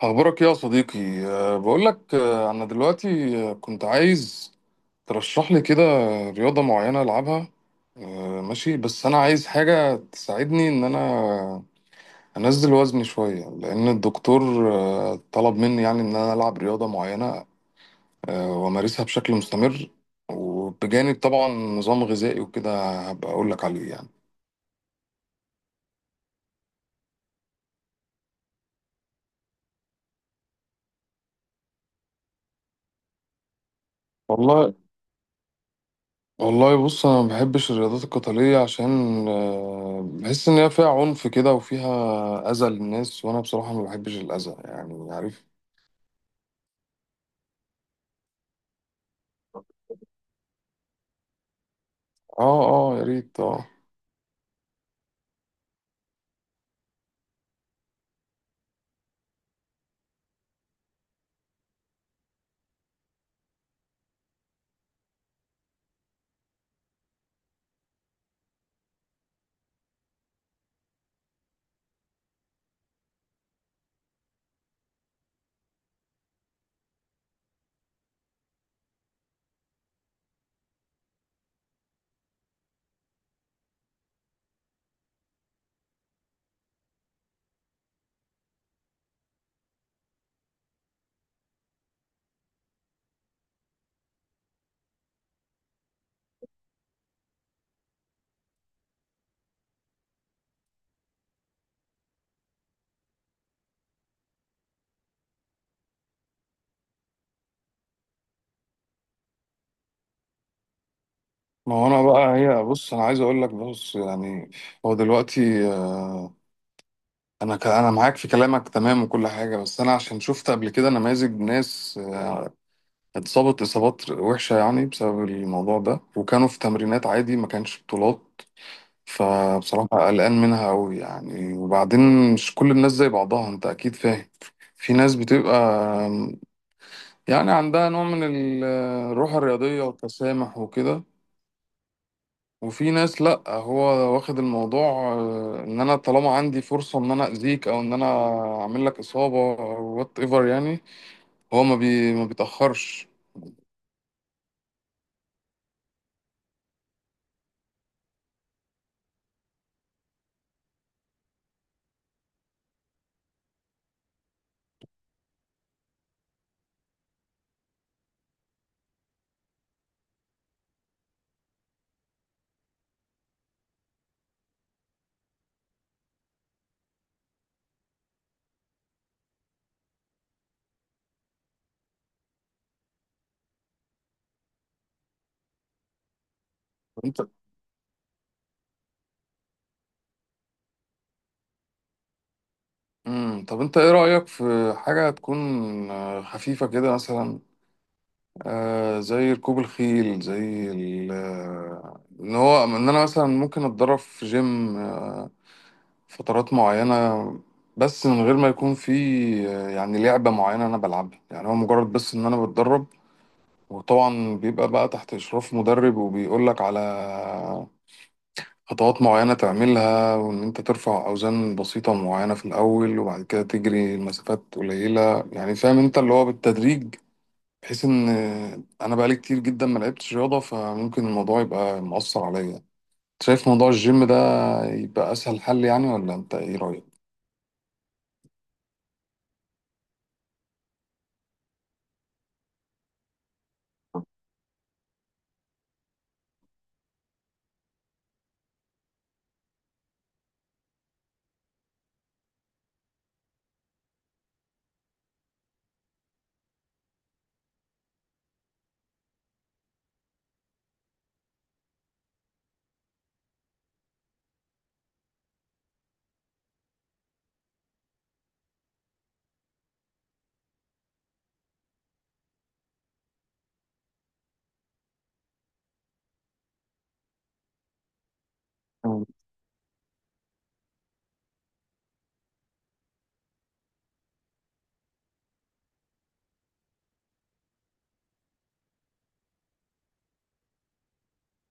أخبارك إيه يا صديقي؟ بقول لك، أنا دلوقتي كنت عايز ترشح لي كده رياضة معينة ألعبها. ماشي، بس أنا عايز حاجة تساعدني إن أنا أنزل وزني شوية، لأن الدكتور طلب مني، يعني إن أنا ألعب رياضة معينة وأمارسها بشكل مستمر، وبجانب طبعا نظام غذائي وكده هبقى أقول لك عليه يعني. والله، والله بص، انا ما بحبش الرياضات القتاليه عشان بحس ان هي فيها عنف كده وفيها اذى للناس، وانا بصراحه ما بحبش الاذى، يعني عارف. اه اه، يا ريت ما هو انا بقى، هي، بص انا عايز اقول لك، بص يعني، هو دلوقتي انا انا معاك في كلامك تمام وكل حاجه، بس انا عشان شفت قبل كده نماذج ناس اتصابت اصابات وحشه، يعني بسبب الموضوع ده، وكانوا في تمرينات عادي ما كانش بطولات. فبصراحة قلقان منها أوي يعني، وبعدين مش كل الناس زي بعضها، أنت أكيد فاهم. في ناس بتبقى يعني عندها نوع من الروح الرياضية والتسامح وكده. وفي ناس لأ، هو واخد الموضوع إن أنا طالما عندي فرصة إن أنا أذيك، أو إن أنا أعمل لك إصابة أو وات إيفر يعني، هو ما بيتأخرش. أنت مم. طب أنت إيه رأيك في حاجة تكون خفيفة كده، مثلا زي ركوب الخيل، زي ان هو ان انا مثلا ممكن اتدرب في جيم فترات معينة، بس من غير ما يكون في يعني لعبة معينة انا بلعبها. يعني هو مجرد بس ان انا بتدرب، وطبعا بيبقى بقى تحت اشراف مدرب وبيقولك على خطوات معينة تعملها، وان انت ترفع اوزان بسيطة معينة في الاول، وبعد كده تجري مسافات قليلة، يعني فاهم انت اللي هو بالتدريج، بحيث ان انا بقالي كتير جدا ما لعبتش رياضه، فممكن الموضوع يبقى مؤثر عليا. شايف موضوع الجيم ده يبقى اسهل حل، يعني ولا انت ايه رايك؟ مم.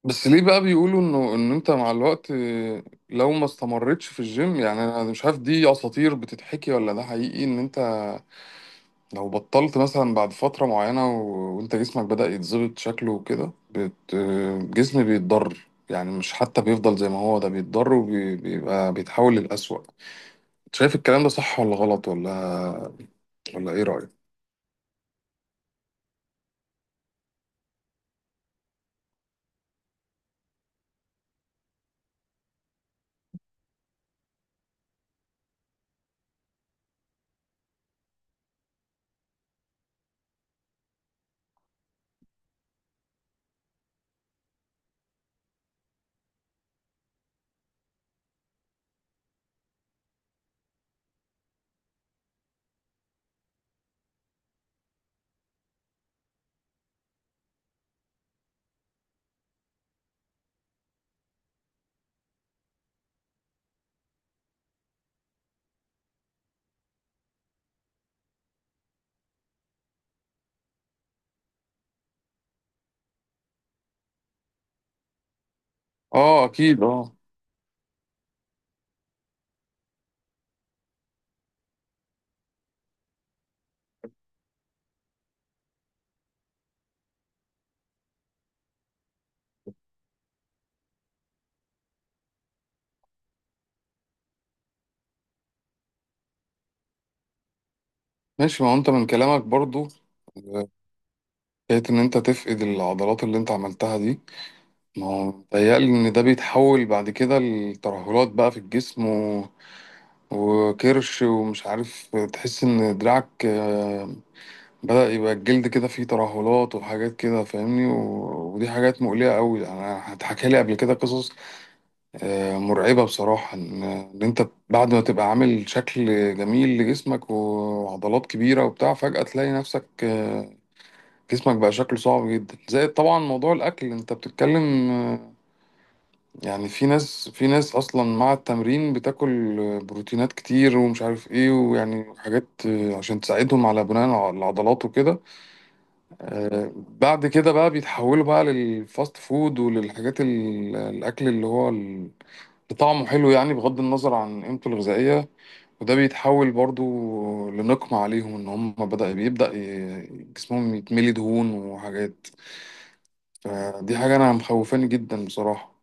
بس ليه بقى بيقولوا انه ان انت مع الوقت لو ما استمرتش في الجيم، يعني انا مش عارف دي اساطير بتتحكي ولا ده حقيقي، ان انت لو بطلت مثلا بعد فتره معينه وانت جسمك بدأ يتظبط شكله وكده، بت... آه، الجسم بيتضرر، يعني مش حتى بيفضل زي ما هو، ده بيتضرر وبيبقى بيتحول للأسوأ. شايف الكلام ده صح ولا غلط، ولا ايه رأيك؟ اه اكيد اه. ماشي، ما هو انت من كلامك برضو، آه، حكاية ان انت تفقد العضلات اللي انت عملتها دي، ما هو متهيألي ان ده بيتحول بعد كده لترهلات بقى في الجسم و... وكرش، ومش عارف تحس ان دراعك بدأ يبقى الجلد كده فيه ترهلات وحاجات كده، فاهمني، و... ودي حاجات مقلقة قوي. انا اتحكى لي قبل كده قصص مرعبة بصراحة، إن أنت بعد ما تبقى عامل شكل جميل لجسمك وعضلات كبيرة وبتاع، فجأة تلاقي نفسك جسمك بقى شكله صعب جدا. زائد طبعا موضوع الأكل، أنت بتتكلم يعني، في ناس أصلا مع التمرين بتاكل بروتينات كتير ومش عارف إيه، ويعني حاجات عشان تساعدهم على بناء العضلات وكده، بعد كده بقى بيتحولوا بقى للفاست فود وللحاجات، الأكل اللي هو طعمه حلو، يعني بغض النظر عن قيمته الغذائية، وده بيتحول برضو لنقمة عليهم، ان هم بيبدأ جسمهم يتملي دهون وحاجات. فدي حاجة انا مخوفاني جدا بصراحة.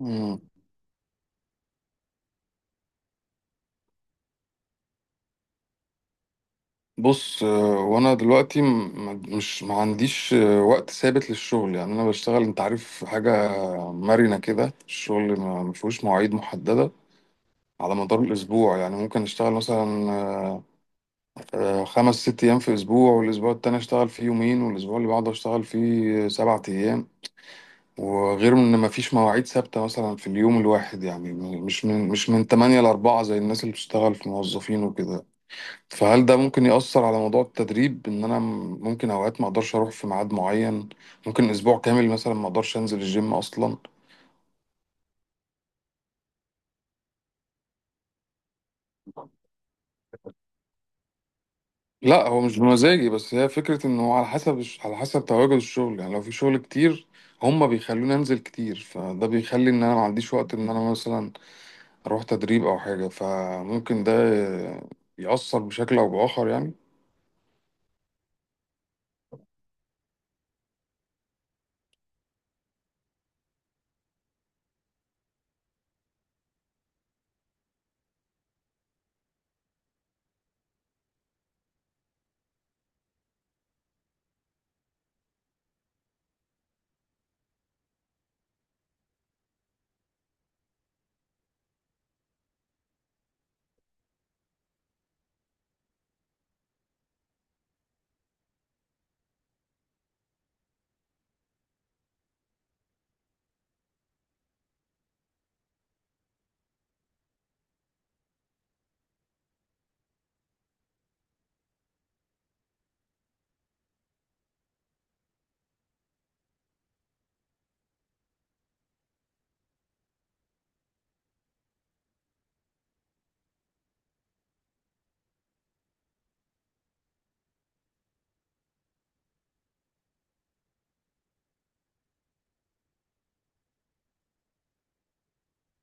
مم. بص، وانا دلوقتي مش ما عنديش وقت ثابت للشغل، يعني انا بشتغل، انت عارف، حاجة مرنة كده، الشغل ما فيهوش مواعيد محددة على مدار الاسبوع. يعني ممكن اشتغل مثلا 5 6 أيام في أسبوع، والأسبوع التاني أشتغل فيه يومين، والأسبوع اللي بعده أشتغل فيه 7 أيام. وغير إن مفيش مواعيد ثابتة مثلا في اليوم الواحد، يعني مش من 8 لـ4، زي الناس اللي بتشتغل في موظفين وكده. فهل ده ممكن يأثر على موضوع التدريب، إن أنا ممكن أوقات ما أقدرش أروح في ميعاد معين، ممكن أسبوع كامل مثلا ما أقدرش أنزل الجيم أصلا. لا، هو مش بمزاجي، بس هي فكرة إن هو على حسب تواجد الشغل، يعني لو في شغل كتير هما بيخلوني أنزل كتير، فده بيخلي إن أنا ما عنديش وقت إن أنا مثلا أروح تدريب أو حاجة، فممكن ده يأثر بشكل أو بآخر يعني.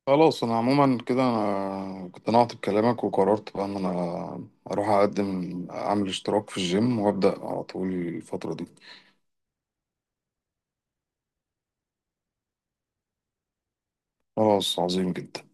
خلاص، أنا عموما كده أنا اقتنعت بكلامك، وقررت بقى إن أنا أروح أقدم أعمل اشتراك في الجيم وأبدأ على طول الفترة دي. خلاص، عظيم جدا.